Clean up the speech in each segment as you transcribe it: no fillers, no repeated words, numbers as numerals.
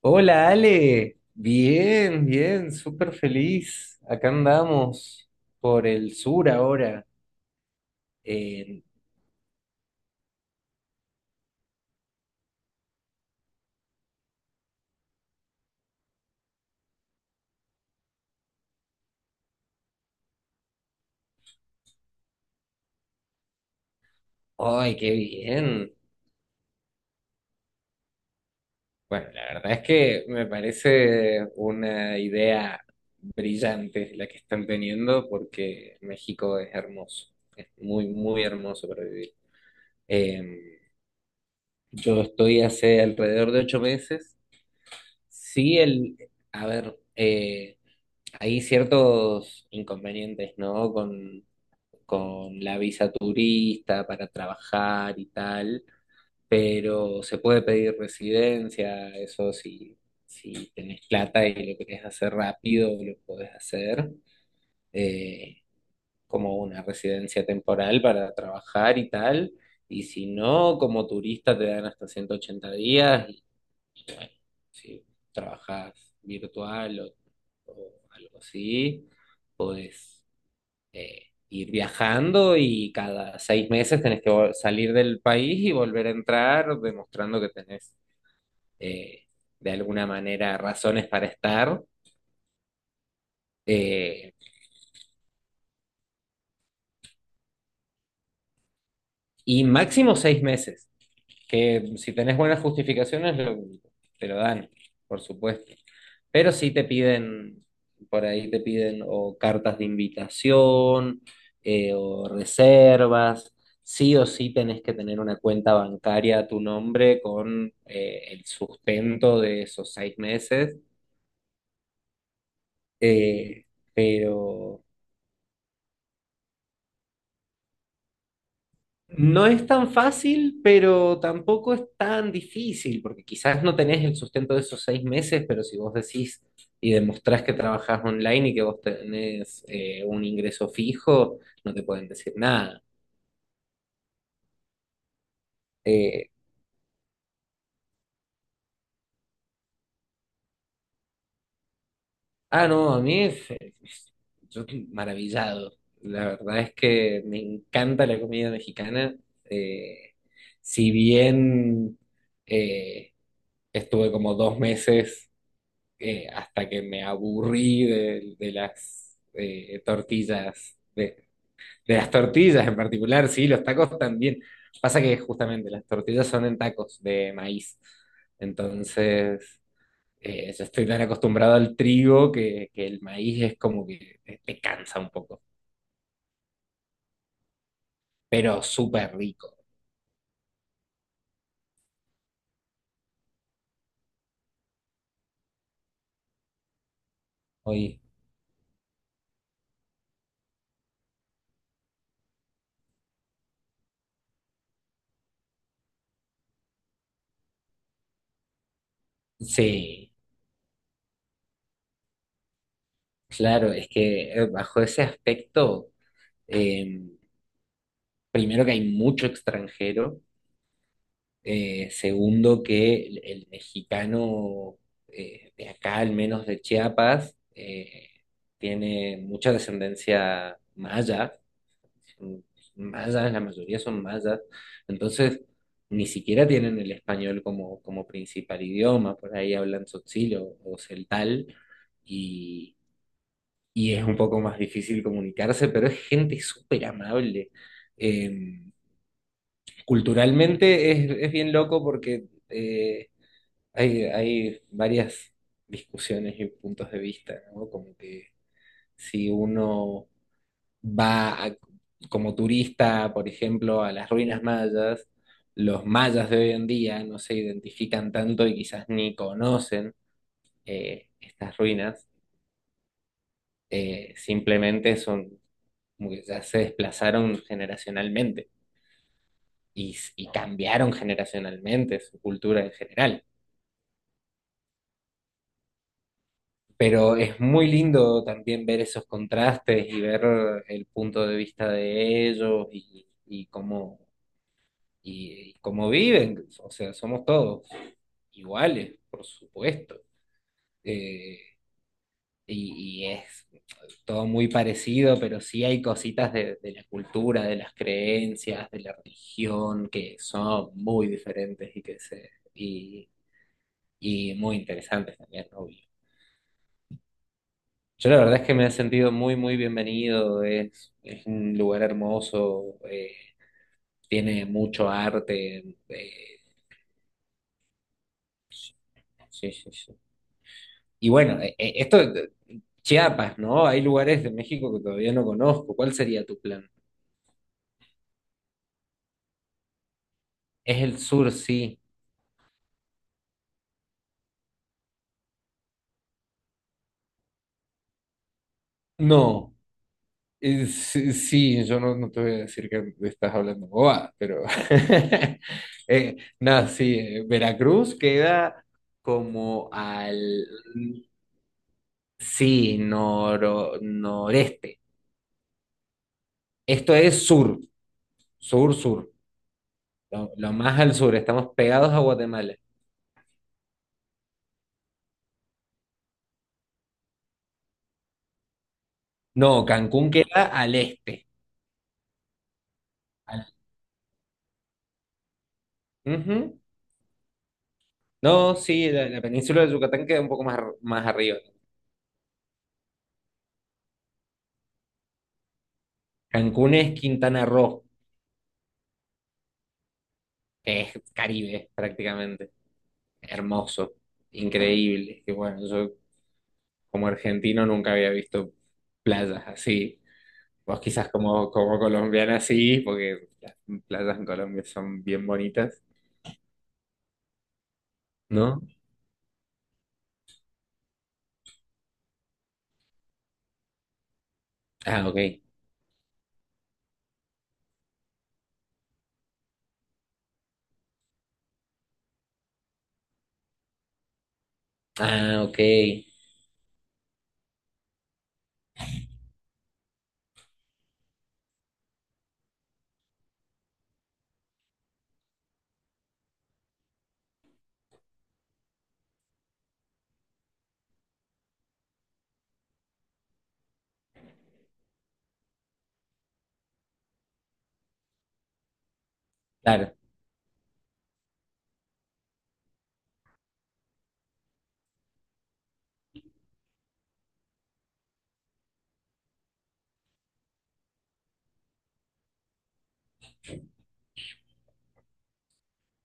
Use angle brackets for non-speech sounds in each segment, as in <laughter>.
Hola Ale, bien, bien, súper feliz. Acá andamos por el sur ahora. Eh, ¡Ay, qué bien! Bueno, la verdad es que me parece una idea brillante la que están teniendo porque México es hermoso, es muy, muy hermoso para vivir. Eh, yo estoy hace alrededor de 8 meses. Sí, a ver, hay ciertos inconvenientes, ¿no? Con la visa turista para trabajar y tal, pero se puede pedir residencia, eso si, si tenés plata y lo querés hacer rápido, lo podés hacer, eh, como una residencia temporal para trabajar y tal, y si no, como turista te dan hasta 180 días y bueno, si trabajás virtual o algo así, podés ir viajando y cada 6 meses tenés que salir del país y volver a entrar, demostrando que tenés eh, de alguna manera razones para estar, eh, y máximo 6 meses. Que si tenés buenas justificaciones te lo dan, por supuesto. Pero sí te piden, por ahí te piden o cartas de invitación, o reservas. Sí o sí tenés que tener una cuenta bancaria a tu nombre con el sustento de esos 6 meses. Eh, pero no es tan fácil, pero tampoco es tan difícil, porque quizás no tenés el sustento de esos seis meses, pero si vos decís y demostrás que trabajás online y que vos tenés un ingreso fijo, no te pueden decir nada. Eh, ah, no, a mí es- yo estoy maravillado. La verdad es que me encanta la comida mexicana. Eh, si bien eh, estuve como 2 meses hasta que me aburrí de las tortillas, de las tortillas en particular, sí, los tacos también. Pasa que justamente las tortillas son en tacos de maíz, entonces yo estoy tan acostumbrado al trigo que el maíz es como que te cansa un poco, pero súper rico. Hoy, sí, claro, es que bajo ese aspecto, eh, primero que hay mucho extranjero. Segundo, que el mexicano, de acá, al menos de Chiapas, tiene mucha descendencia maya. Son mayas, la mayoría son mayas. Entonces, ni siquiera tienen el español como, como principal idioma. Por ahí hablan tzotzil o celtal. Y, y es un poco más difícil comunicarse, pero es gente súper amable. Em, culturalmente es bien loco porque hay, hay varias discusiones y puntos de vista, ¿no? Como que si uno va a- como turista, por ejemplo, a las ruinas mayas, los mayas de hoy en día no se identifican tanto y quizás ni conocen estas ruinas, simplemente son como que ya se desplazaron generacionalmente y, y cambiaron generacionalmente su cultura en general. Pero es muy lindo también ver esos contrastes y ver el punto de vista de ellos y cómo, y cómo viven. O sea, somos todos iguales, por supuesto. Eh, y es todo muy parecido, pero sí hay cositas de la cultura, de las creencias, de la religión, que son muy diferentes y que y muy interesantes también, obvio. Yo la verdad es que me he sentido muy, muy bienvenido. Es un lugar hermoso, tiene mucho arte. Sí, sí, sí. Y bueno, Chiapas, ¿no? Hay lugares de México que todavía no conozco. ¿Cuál sería tu plan? Es el sur, sí. No, sí, sí, yo no, no te voy a decir que estás hablando boba, pero... <laughs> no, sí, Veracruz queda como al... Sí, noreste. Esto es sur, sur, sur. Lo más al sur. Estamos pegados a Guatemala. No, Cancún queda al este. Al... Ujú. No, sí, la península de Yucatán queda un poco más, más arriba. Cancún es Quintana Roo, que es Caribe prácticamente. Hermoso, increíble. Y bueno, yo como argentino nunca había visto playas así. Vos quizás como, como colombiana sí, porque las playas en Colombia son bien bonitas, ¿no? Ah, ok. Ah, ok. Claro,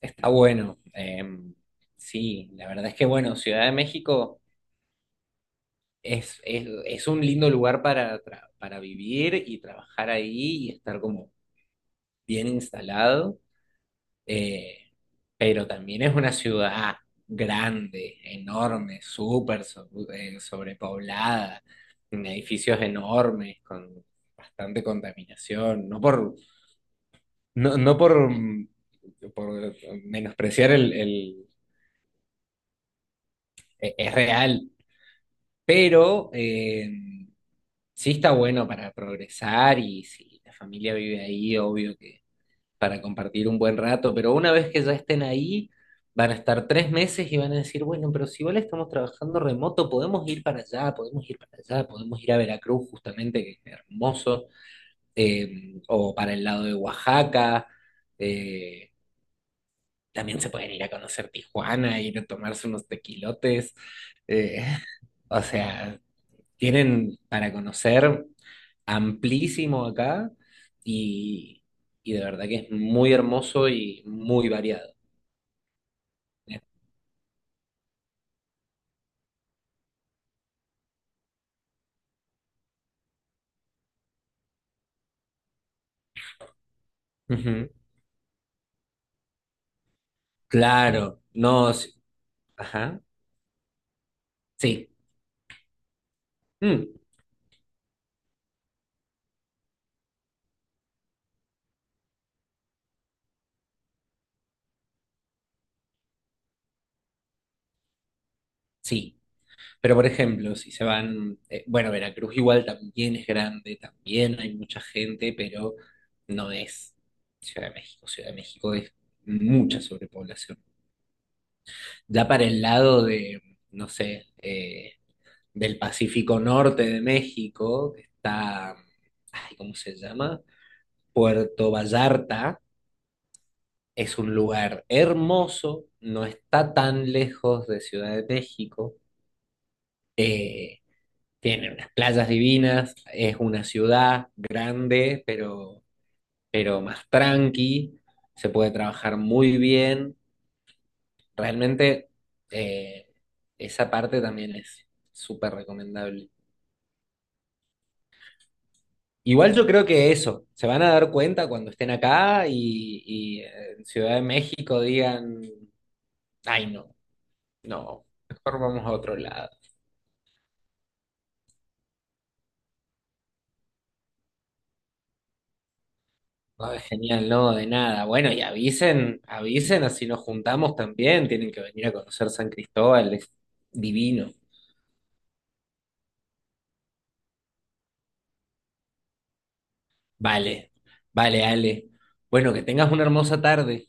está bueno. Sí, la verdad es que bueno, Ciudad de México es un lindo lugar para, para vivir y trabajar ahí y estar como bien instalado. Eh, pero también es una ciudad grande, enorme, súper sobrepoblada, en edificios enormes, con bastante contaminación, no no, no por menospreciar e- es real, pero sí está bueno para progresar y si la familia vive ahí, obvio para compartir un buen rato, pero una vez que ya estén ahí, van a estar 3 meses y van a decir, bueno, pero si igual estamos trabajando remoto, podemos ir para allá, podemos ir para allá, podemos ir a Veracruz justamente, que es hermoso, o para el lado de Oaxaca, eh, también se pueden ir a conocer Tijuana, ir a tomarse unos tequilotes, eh, <laughs> o sea, tienen para conocer amplísimo acá y, y de verdad que es muy hermoso y muy variado. ¿Eh? Ujú. Claro, no, sí, ajá, sí, mm, sí. Pero por ejemplo, si se van, bueno, Veracruz igual también es grande, también hay mucha gente, pero no es Ciudad de México. Ciudad de México es mucha sobrepoblación. Ya para el lado de, no sé, del Pacífico Norte de México, que está, ay, ¿cómo se llama? Puerto Vallarta. Es un lugar hermoso, no está tan lejos de Ciudad de México. eh, Tiene unas playas divinas, es una ciudad grande, pero más tranqui, se puede trabajar muy bien. Realmente eh, esa parte también es súper recomendable. Igual yo creo que eso, se van a dar cuenta cuando estén acá y en Ciudad de México digan, ay no, no, mejor vamos a otro lado. No, es genial, no, de nada. Bueno, y avisen, avisen, así nos juntamos también, tienen que venir a conocer San Cristóbal, es divino. Vale, vale, Ale. Bueno, que tengas una hermosa tarde.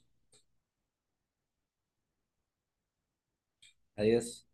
Adiós.